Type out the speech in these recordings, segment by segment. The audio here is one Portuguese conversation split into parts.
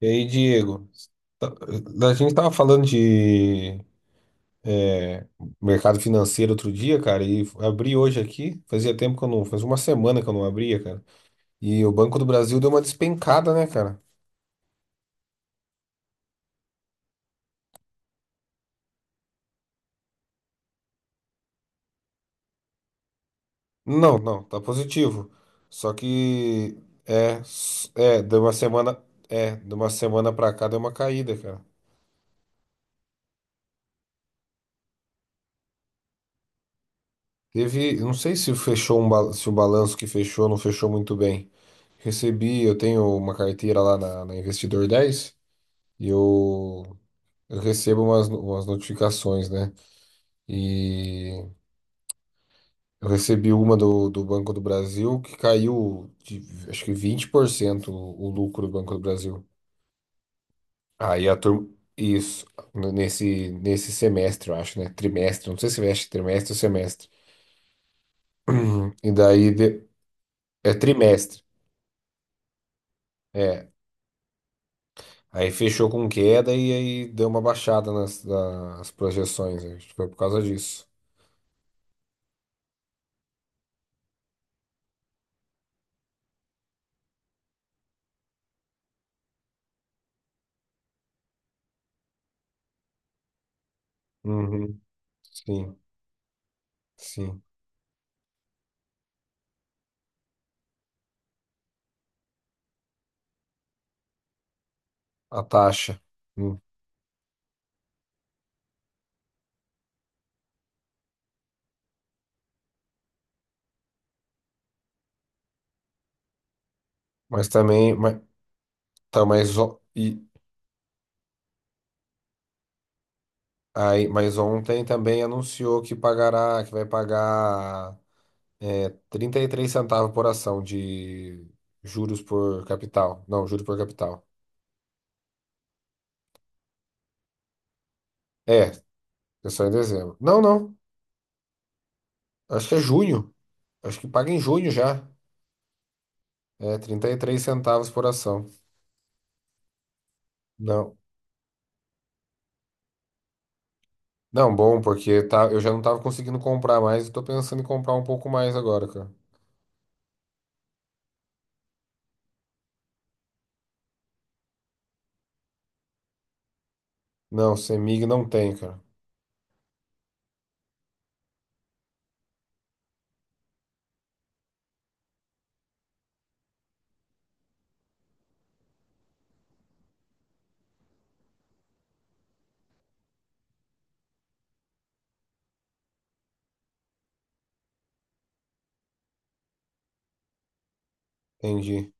E aí, Diego, a gente tava falando de é, mercado financeiro outro dia, cara, e abri hoje aqui. Fazia tempo que eu não, faz uma semana que eu não abria, cara. E o Banco do Brasil deu uma despencada, né, cara? Não, não, tá positivo. Só que deu uma semana, de uma semana pra cá deu uma caída, cara. Teve, eu não sei se fechou se o balanço que fechou não fechou muito bem. Recebi, eu tenho uma carteira lá na Investidor Dez. E eu Eu recebo umas, umas notificações, né? E eu recebi uma do Banco do Brasil que caiu de acho que 20% o lucro do Banco do Brasil. Aí a turma. Isso, nesse semestre, eu acho, né? Trimestre, não sei se veste trimestre ou semestre. E daí de- É trimestre. É. Aí fechou com queda e aí deu uma baixada nas, nas projeções. Acho que foi por causa disso. Uhum. Sim, sim. A taxa. Hum. Mas também, mas, tá, mas, o- e, aí, mas ontem também anunciou que pagará, que vai pagar 33 centavos por ação de juros por capital. Não, juros por capital. É, é só em dezembro. Não, não. Acho que é junho. Acho que paga em junho já. É, 33 centavos por ação. Não. Não, bom, porque tá, eu já não tava conseguindo comprar mais, eu tô pensando em comprar um pouco mais agora, cara. Não, CEMIG não tem, cara. Entendi.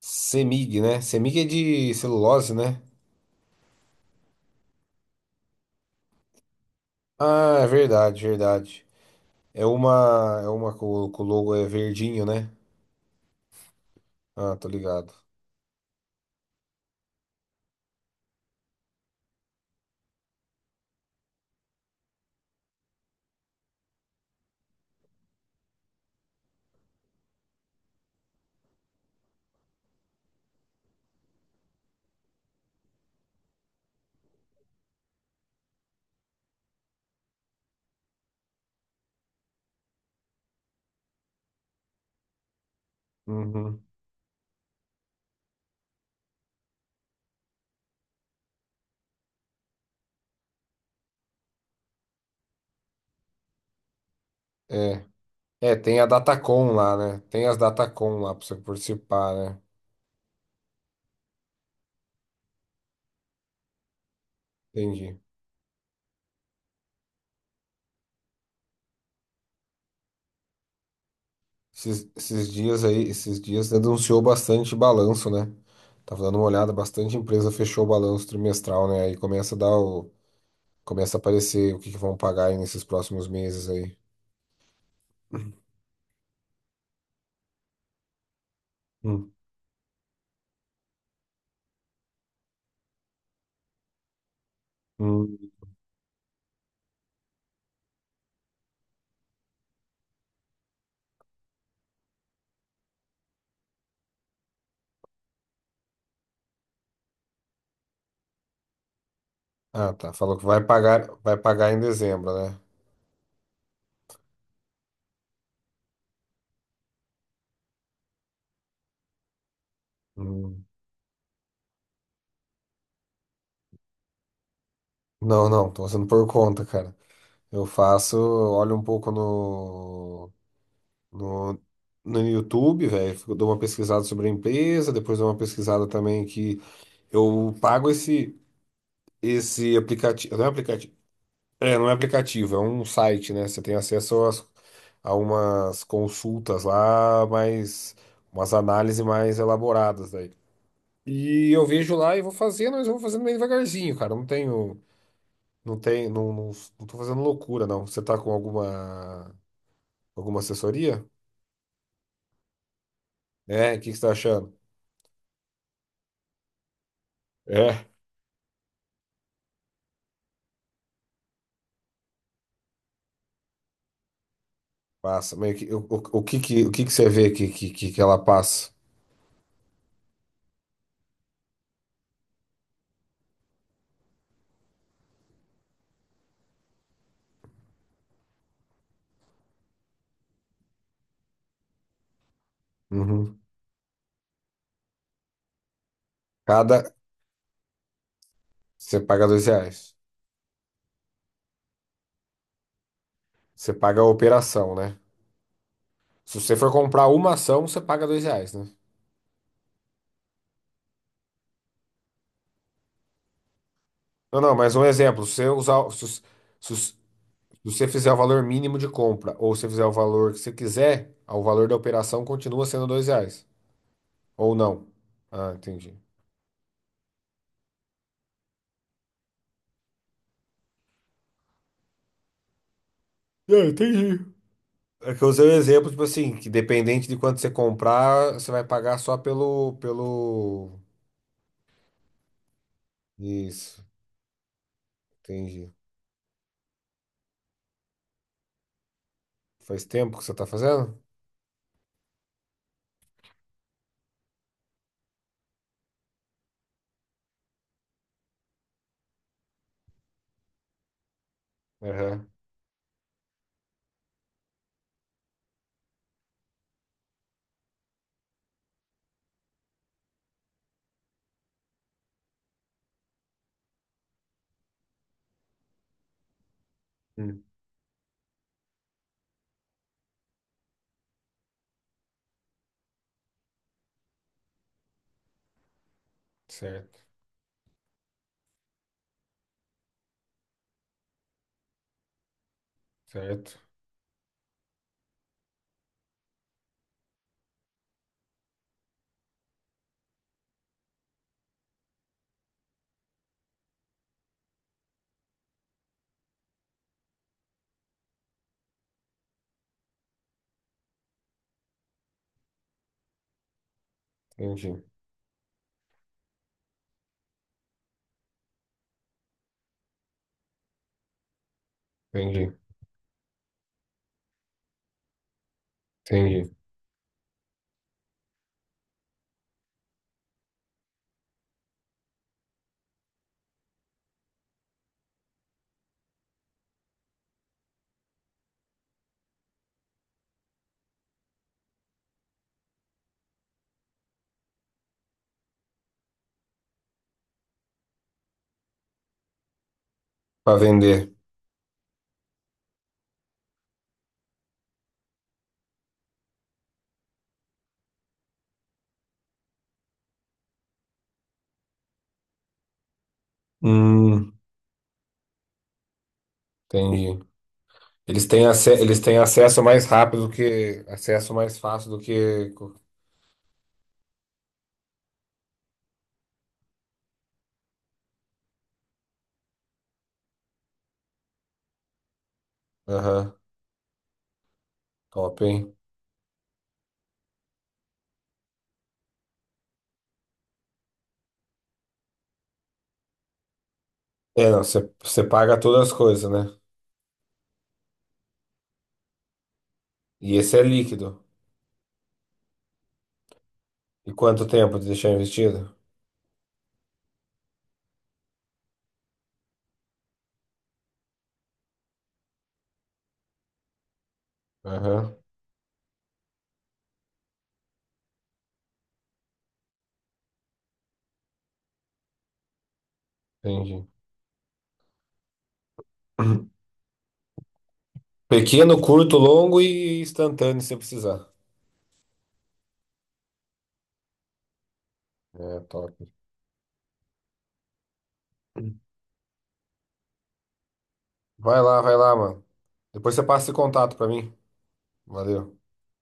CEMIG, né? CEMIG é de celulose, né? Ah, é verdade, verdade. É uma com o logo é verdinho, né? Ah, tô ligado. Uhum. É. É, tem a Datacom lá, né? Tem as Datacom lá pra você participar, né? Entendi. Esses, esses dias aí, esses dias denunciou bastante balanço, né? Tava dando uma olhada, bastante empresa fechou o balanço trimestral, né? Aí começa a dar começa a aparecer o que que vão pagar aí nesses próximos meses aí. Hum. Hum. Ah, tá. Falou que vai pagar em dezembro, né? Hum. Não, não, tô fazendo por conta, cara. Eu faço, olho um pouco no, no YouTube, velho. Dou uma pesquisada sobre a empresa, depois dou uma pesquisada também que eu pago esse, esse aplicativo. Não é aplicativo. É, não é aplicativo, é um site, né? Você tem a umas consultas lá, mas umas análises mais elaboradas daí. E eu vejo lá e vou fazendo, mas eu vou fazendo meio devagarzinho, cara. Eu não tenho, não tenho, não tô fazendo loucura, não. Você tá com alguma, alguma assessoria? É, o que que você tá achando? É. Passa, mas o que que você vê que ela passa? Uhum. Cada, você paga R$ 2. Você paga a operação, né? Se você for comprar uma ação, você paga R$ 2, né? Não, não, mas um exemplo, se você usar, se, Se você fizer o valor mínimo de compra, ou se fizer o valor que você quiser, ah, o valor da operação continua sendo R$ 2. Ou não. Ah, entendi. Não, entendi. É que eu usei o exemplo, tipo assim, que dependente de quanto você comprar, você vai pagar só pelo... Isso, entendi. Faz tempo que você tá fazendo? Aham. Hum. Certo, certo. Entendi, entendi, entendi. Pra vender. Hum, entendi. Eles têm, eles têm acesso mais rápido que. Acesso mais fácil do que. Aham, top, hein? É, não, você você paga todas as coisas, né? E esse é líquido. E quanto tempo de deixar investido? Aham, entendi. Pequeno, curto, longo e instantâneo, se precisar. É, top. Vai lá, mano. Depois você passa esse contato pra mim. Valeu.